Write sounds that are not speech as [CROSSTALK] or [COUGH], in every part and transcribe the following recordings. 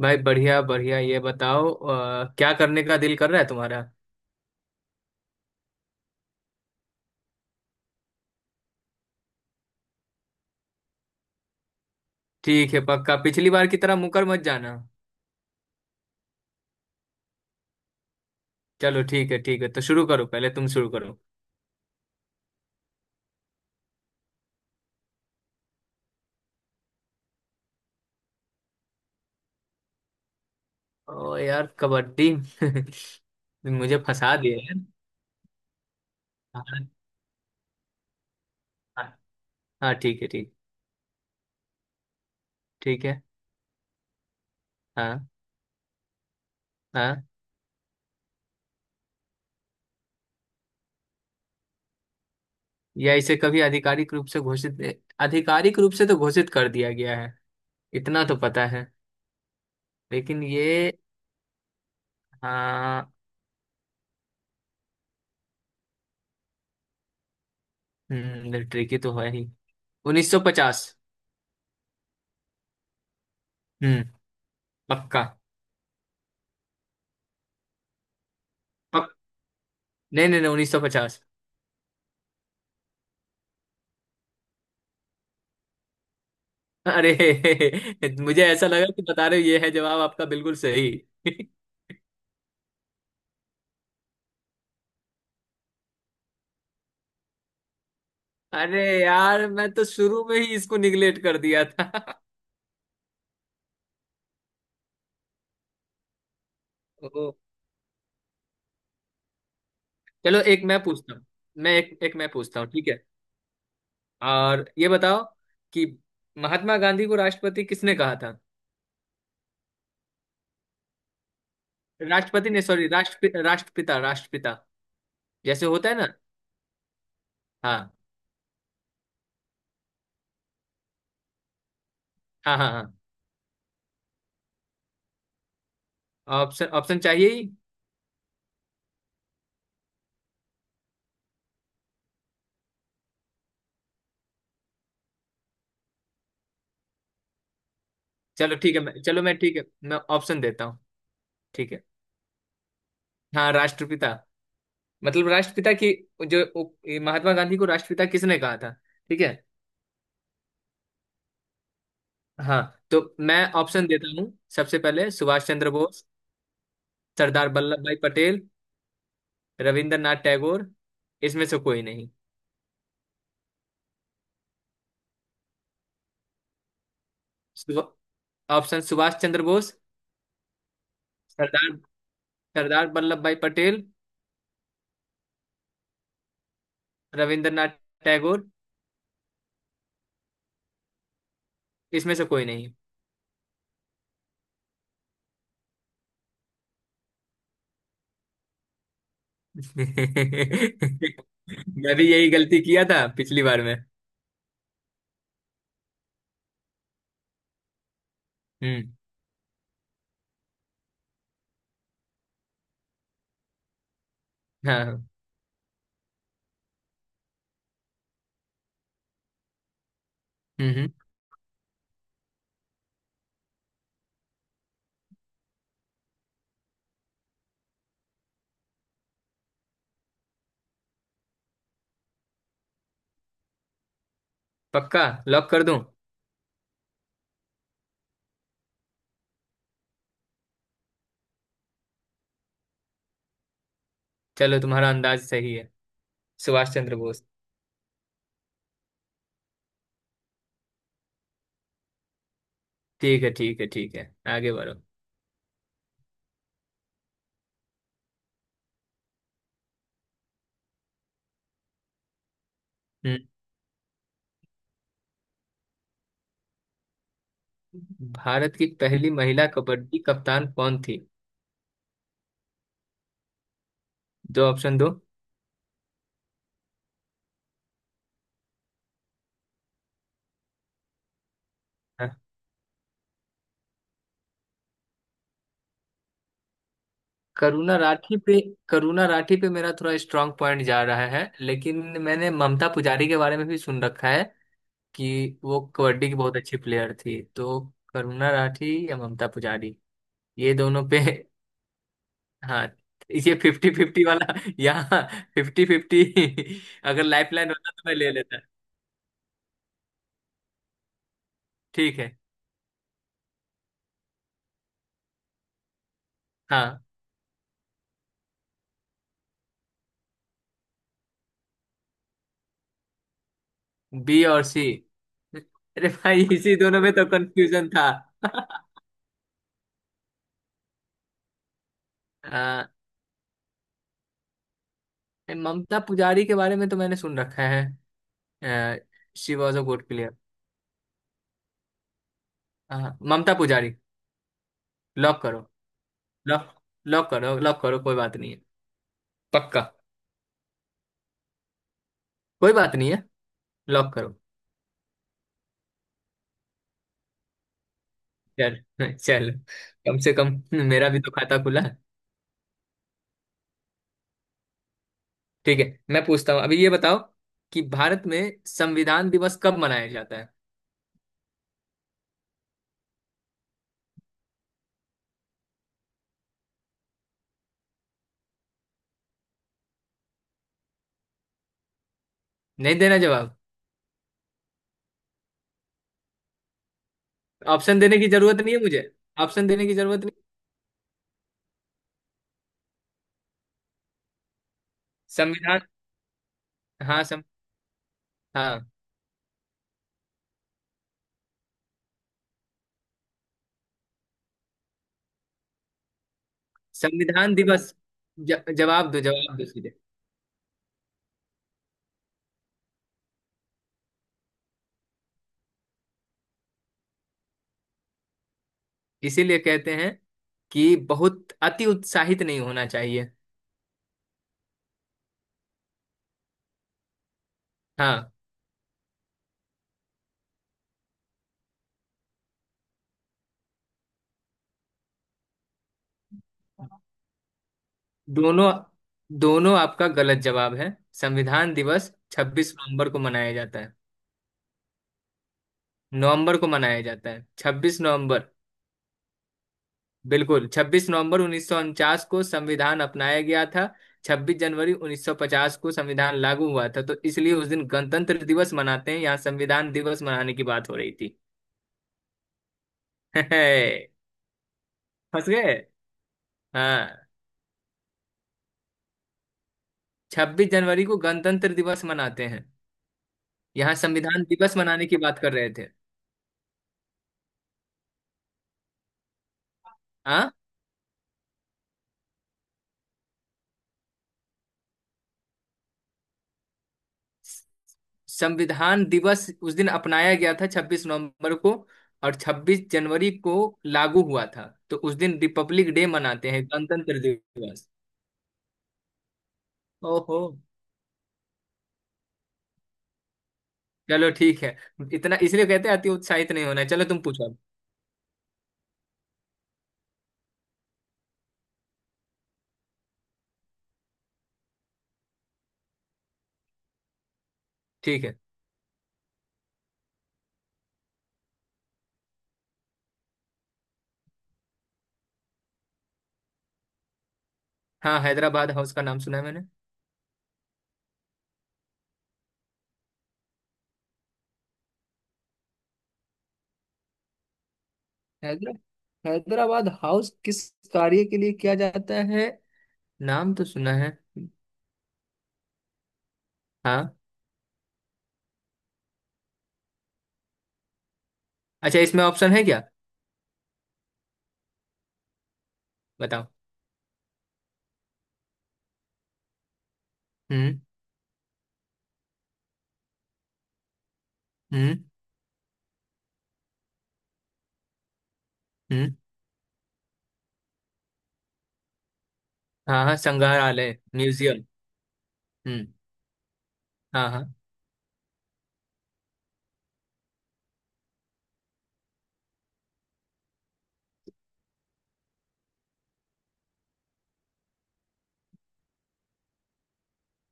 भाई बढ़िया बढ़िया ये बताओ क्या करने का दिल कर रहा है तुम्हारा। ठीक है, पक्का पिछली बार की तरह मुकर मत जाना। चलो ठीक है तो शुरू करो, पहले तुम शुरू करो। ओ यार कबड्डी [LAUGHS] मुझे फंसा दिए यार। हाँ हाँ हाँ, ठीक है ठीक। ठीक है। हाँ। हाँ। या इसे कभी आधिकारिक रूप से घोषित आधिकारिक रूप से तो घोषित कर दिया गया है, इतना तो पता है, लेकिन ये। हाँ। ट्रिकी तो है ही। 1950। हम्म। पक्का। नहीं नहीं नहीं, उन्नीस सौ पचास। अरे। [LAUGHS] मुझे ऐसा लगा कि बता रहे हो ये है जवाब आपका बिल्कुल सही। [LAUGHS] अरे यार मैं तो शुरू में ही इसको निगलेक्ट कर दिया था। [LAUGHS] ओ, चलो एक मैं पूछता हूँ। मैं एक एक मैं पूछता हूँ ठीक है। और ये बताओ कि महात्मा गांधी को राष्ट्रपति किसने कहा था। राष्ट्रपति ने सॉरी राष्ट्रपिता राष्ट्रपिता, जैसे होता है ना। हाँ हाँ हाँ। हाँ, ऑप्शन ऑप्शन चाहिए ही। चलो ठीक है, मैं ठीक है मैं ऑप्शन देता हूँ। ठीक है। हाँ, राष्ट्रपिता। मतलब राष्ट्रपिता की, ये महात्मा गांधी को राष्ट्रपिता किसने कहा था। ठीक है। हाँ। तो मैं ऑप्शन देता हूँ, सबसे पहले सुभाष चंद्र बोस, सरदार वल्लभ भाई पटेल, रविंद्रनाथ टैगोर, इसमें से कोई नहीं। सुभ- ऑप्शन सुभाष चंद्र बोस, सरदार सरदार वल्लभ भाई पटेल, रविंद्रनाथ टैगोर, इसमें से कोई नहीं। [LAUGHS] मैं भी यही गलती किया था पिछली बार में। हम्म। हाँ हाँ। हम्म। पक्का लॉक कर दूं। चलो तुम्हारा अंदाज सही है, सुभाष चंद्र बोस। ठीक है ठीक है ठीक है, आगे बढ़ो। हम्म। भारत की पहली महिला कबड्डी कप्तान कौन थी? दो ऑप्शन दो। हाँ। करुणा राठी पे, करुणा राठी पे मेरा थोड़ा स्ट्रांग पॉइंट जा रहा है, लेकिन मैंने ममता पुजारी के बारे में भी सुन रखा है कि वो कबड्डी की बहुत अच्छी प्लेयर थी, तो करुणा राठी या ममता पुजारी, ये दोनों पे। [LAUGHS] हाँ, ये फिफ्टी फिफ्टी वाला [LAUGHS] यहाँ फिफ्टी फिफ्टी। [LAUGHS] अगर लाइफ लाइन होता तो मैं ले लेता। ठीक है। हाँ, बी और सी। अरे भाई इसी दोनों में तो कंफ्यूजन था। [LAUGHS] अ, ममता पुजारी के बारे में तो मैंने सुन रखा है। She was a good player, Mamta Pujari. Lock करो, लॉक, लॉक करो कोई बात नहीं है। पक्का। कोई बात नहीं है। लॉक करो। चल, चल, कम से कम मेरा भी तो खाता खुला है। ठीक है मैं पूछता हूँ, अभी ये बताओ कि भारत में संविधान दिवस कब मनाया जाता है। नहीं देना जवाब। ऑप्शन देने की जरूरत नहीं है मुझे ऑप्शन देने की जरूरत नहीं। संविधान। हाँ सं, हाँ। संविधान दिवस, जवाब दो सीधे। इसीलिए कहते हैं कि बहुत अति उत्साहित नहीं होना चाहिए। हाँ। दोनों, दोनों आपका गलत जवाब है। संविधान दिवस 26 नवंबर को मनाया जाता है। नवंबर को मनाया जाता है, 26 नवंबर। बिल्कुल, 26 नवंबर 1949 को संविधान अपनाया गया था। 26 जनवरी 1950 को संविधान लागू हुआ था, तो इसलिए उस दिन गणतंत्र दिवस मनाते हैं, यहाँ संविधान दिवस मनाने की बात हो रही थी। [LAUGHS] फंस गए। हाँ। 26 जनवरी को गणतंत्र दिवस मनाते हैं, यहाँ संविधान दिवस मनाने की बात कर रहे थे। हाँ। संविधान दिवस उस दिन अपनाया गया था, 26 नवंबर को, और 26 जनवरी को लागू हुआ था, तो उस दिन रिपब्लिक डे मनाते हैं, गणतंत्र दिवस। ओहो। चलो ठीक है, इतना इसलिए कहते हैं अति उत्साहित नहीं होना है। चलो तुम पूछो अब। ठीक है। हाँ, हैदराबाद हाउस का नाम सुना है मैंने। हैदरा हैदराबाद हाउस किस कार्य के लिए किया जाता है? नाम तो सुना है। हाँ, अच्छा इसमें ऑप्शन है क्या? बताओ। हम्म। हम्म। हम्म। हाँ हाँ, संग्रहालय म्यूजियम। हम्म। हाँ हाँ।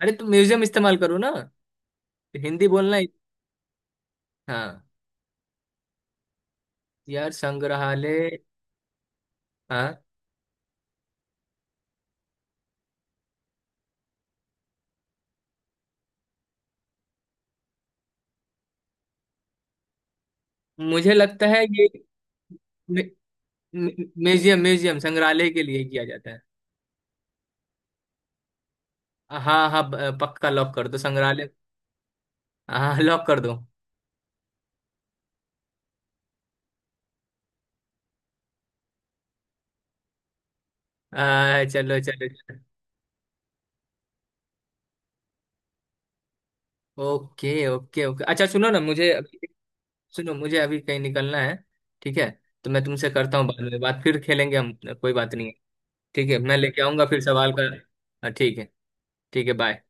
अरे तुम म्यूजियम इस्तेमाल करो ना, हिंदी बोलना है। हाँ। यार संग्रहालय। हाँ, मुझे लगता है ये म्यूजियम, म्यूजियम संग्रहालय के लिए किया जाता है। हाँ हाँ, पक्का लॉक कर दो, संग्रहालय। हाँ, लॉक कर दो। चलो चलो चलो। ओके ओके ओके, अच्छा सुनो ना, मुझे अभी, सुनो मुझे अभी कहीं निकलना है ठीक है, तो मैं तुमसे करता हूँ बाद में बात, फिर खेलेंगे हम, कोई बात नहीं है। ठीक है, मैं लेके आऊंगा फिर सवाल का। हाँ, ठीक है। ठीक है, बाय।